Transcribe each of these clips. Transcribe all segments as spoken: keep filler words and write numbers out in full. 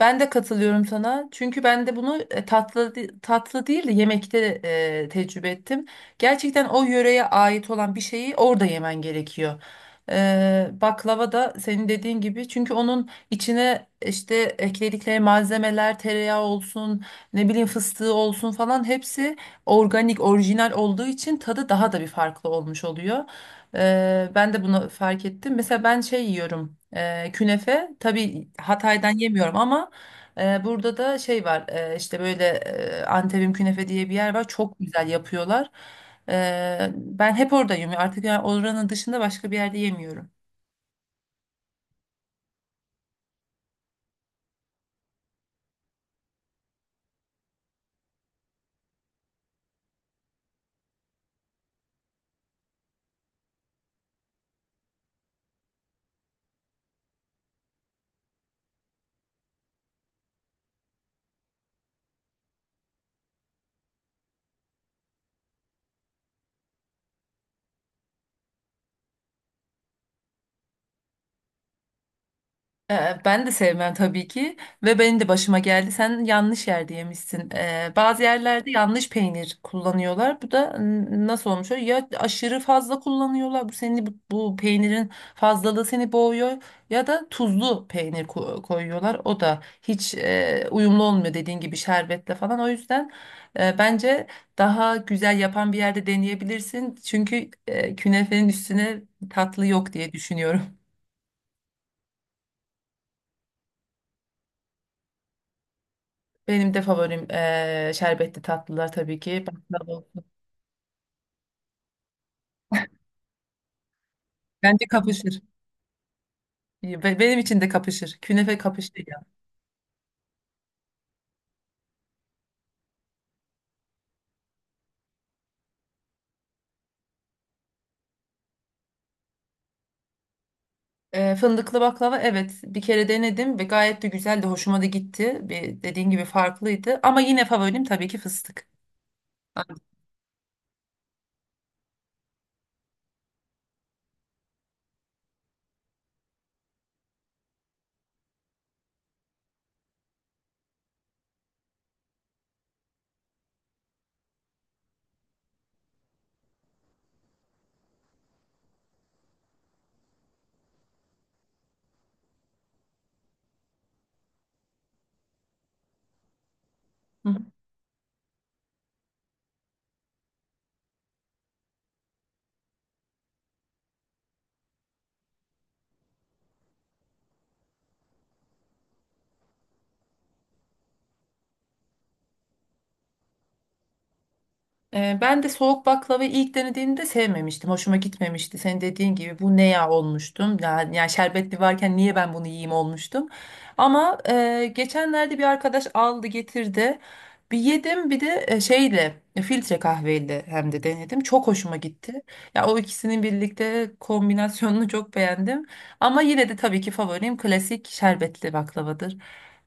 Ben de katılıyorum sana. Çünkü ben de bunu e, tatlı de- tatlı değil de yemekte e, tecrübe ettim. Gerçekten o yöreye ait olan bir şeyi orada yemen gerekiyor. E, baklava da senin dediğin gibi, çünkü onun içine işte ekledikleri malzemeler, tereyağı olsun, ne bileyim fıstığı olsun falan hepsi organik, orijinal olduğu için tadı daha da bir farklı olmuş oluyor. Eee, ben de bunu fark ettim. Mesela ben şey yiyorum. Eee, künefe tabii Hatay'dan yemiyorum ama ee, burada da şey var, e, işte böyle e, Antep'in künefe diye bir yer var, çok güzel yapıyorlar. Ee, ben hep oradayım artık, yani oranın dışında başka bir yerde yemiyorum. Ee, Ben de sevmem tabii ki, ve benim de başıma geldi. Sen yanlış yerde yemişsin. Ee, bazı yerlerde yanlış peynir kullanıyorlar. Bu da n- nasıl olmuş? Oluyor? Ya aşırı fazla kullanıyorlar. Bu seni, bu, bu peynirin fazlalığı seni boğuyor. Ya da tuzlu peynir ko- koyuyorlar. O da hiç e, uyumlu olmuyor dediğin gibi şerbetle falan. O yüzden e, bence daha güzel yapan bir yerde deneyebilirsin. Çünkü e, künefenin üstüne tatlı yok diye düşünüyorum. Benim de favorim eee, şerbetli tatlılar tabii ki. Baklava olsun. Bence kapışır. Be- Benim için de kapışır. Künefe kapıştı ya. Eee, fındıklı baklava, evet, bir kere denedim ve gayet de güzeldi. Hoşuma da gitti. Bir, dediğin gibi, farklıydı. Ama yine favorim tabii ki fıstık. Hı. Ee, Ben de soğuk baklavayı ilk denediğimde sevmemiştim. Hoşuma gitmemişti. Senin dediğin gibi, bu ne ya olmuştum. Yani, yani şerbetli varken niye ben bunu yiyeyim olmuştum. Ama e, geçenlerde bir arkadaş aldı getirdi. Bir yedim, bir de e, şeyle, e, filtre kahveyle hem de denedim. Çok hoşuma gitti. Ya o ikisinin birlikte kombinasyonunu çok beğendim. Ama yine de tabii ki favorim klasik şerbetli baklavadır.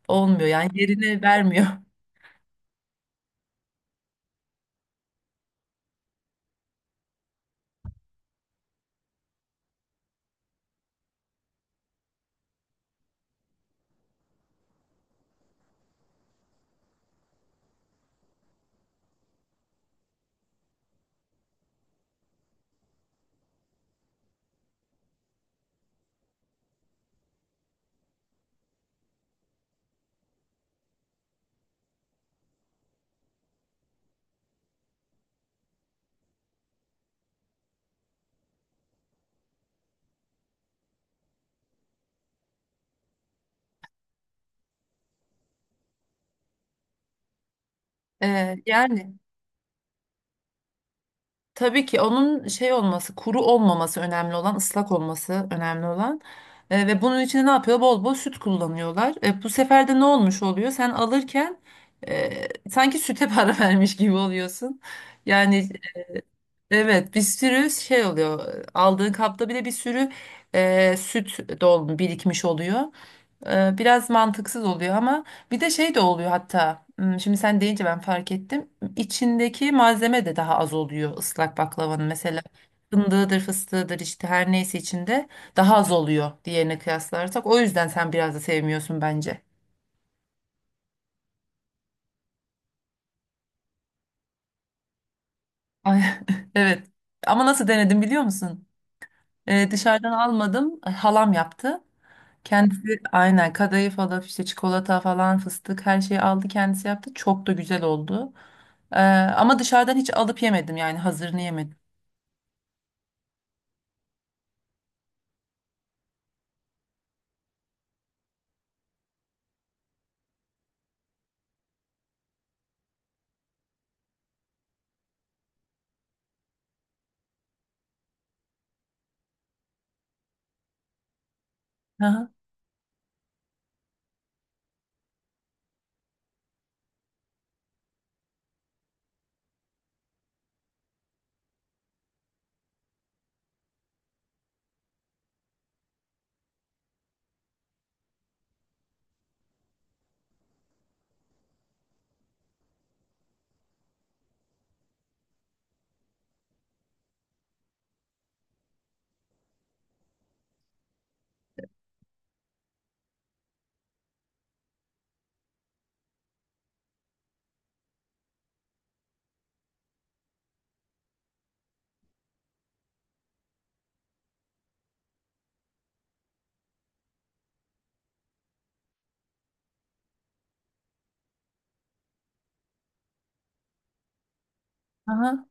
Olmuyor yani, yerini vermiyor. Ee, yani tabii ki onun şey olması, kuru olmaması önemli olan, ıslak olması önemli olan. E, ve bunun için ne yapıyor? Bol bol süt kullanıyorlar. E, bu sefer de ne olmuş oluyor? Sen alırken e, sanki süte para vermiş gibi oluyorsun. Yani evet, bir sürü şey oluyor. Aldığın kapta bile bir sürü e, süt dolmuş, birikmiş oluyor. Ee, Biraz mantıksız oluyor, ama bir de şey de oluyor hatta, hmm, şimdi sen deyince ben fark ettim, içindeki malzeme de daha az oluyor ıslak baklavanın mesela, fındığıdır fıstığıdır işte her neyse, içinde daha az oluyor diğerine kıyaslarsak, o yüzden sen biraz da sevmiyorsun bence. Ay, evet, ama nasıl denedim biliyor musun? Ee, dışarıdan almadım, halam yaptı. Kendisi aynen kadayıf alıp işte çikolata falan fıstık her şeyi aldı, kendisi yaptı. Çok da güzel oldu. Ee, ama dışarıdan hiç alıp yemedim, yani hazırını yemedim. Aha, aha.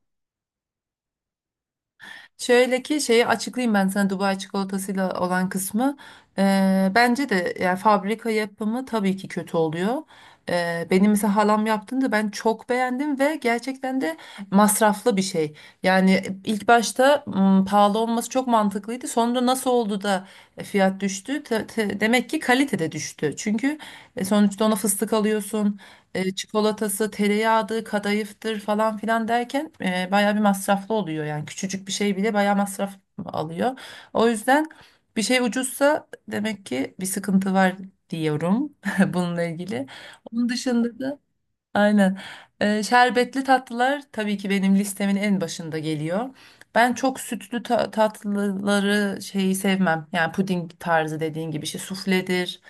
Şöyle ki, şeyi açıklayayım ben sana Dubai çikolatasıyla olan kısmı. Ee, bence de yani fabrika yapımı tabii ki kötü oluyor. Ee, benim mesela halam yaptığında ben çok beğendim ve gerçekten de masraflı bir şey. Yani ilk başta, m, pahalı olması çok mantıklıydı. Sonra nasıl oldu da fiyat düştü? Te- te- demek ki kalite de düştü. Çünkü e, sonuçta ona fıstık alıyorsun, e, çikolatası, tereyağıdır, kadayıftır falan filan derken e, bayağı bir masraflı oluyor. Yani küçücük bir şey bile bayağı masraf alıyor. O yüzden bir şey ucuzsa demek ki bir sıkıntı var diyorum bununla ilgili. Onun dışında da aynen. Ee, şerbetli tatlılar tabii ki benim listemin en başında geliyor. Ben çok sütlü ta- tatlıları şeyi sevmem. Yani puding tarzı dediğin gibi şey, sufledir.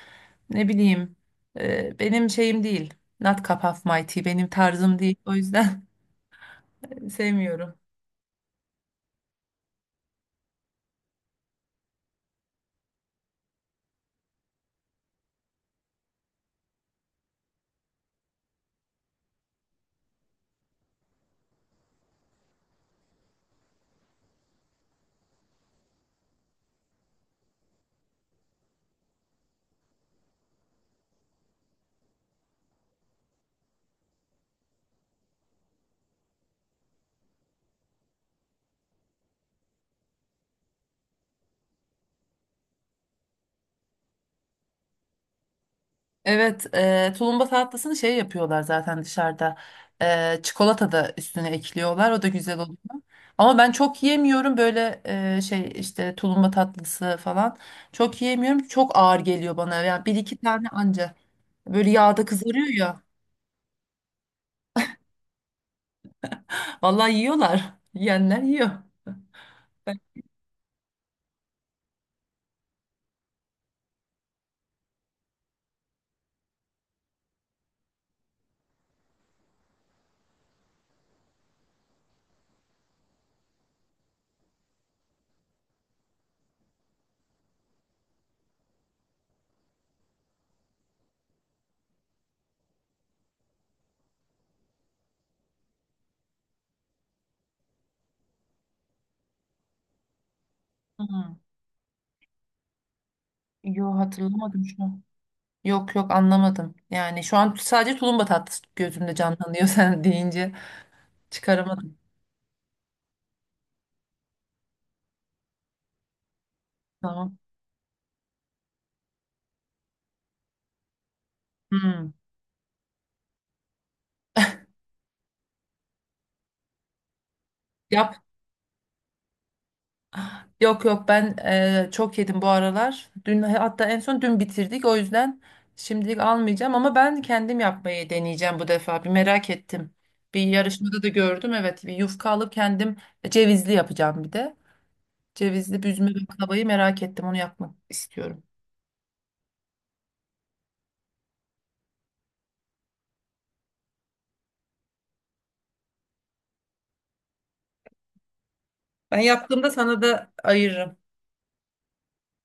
Ne bileyim. E, benim şeyim değil. Not cup of my tea, benim tarzım değil. O yüzden sevmiyorum. Evet, e, tulumba tatlısını şey yapıyorlar zaten dışarıda. E, çikolata da üstüne ekliyorlar. O da güzel oluyor. Ama ben çok yiyemiyorum böyle e, şey işte tulumba tatlısı falan. Çok yiyemiyorum. Çok ağır geliyor bana. Yani bir iki tane anca. Böyle yağda kızarıyor ya. Vallahi yiyorlar. Yiyenler yiyor. Hı. Yo, hatırlamadım şu an. Yok yok, anlamadım. Yani şu an sadece tulumba tatlısı gözümde canlanıyor sen deyince. Çıkaramadım. Tamam. Hmm. Yok yok, ben eee, çok yedim bu aralar. Dün, hatta en son dün bitirdik. O yüzden şimdilik almayacağım, ama ben kendim yapmayı deneyeceğim bu defa. Bir merak ettim. Bir yarışmada da gördüm. Evet, bir yufka alıp kendim e, cevizli yapacağım bir de. Cevizli büzme baklavayı merak ettim. Onu yapmak istiyorum. Ben yaptığımda sana da ayırırım.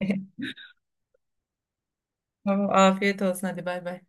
Tamam, afiyet olsun, hadi bay bay.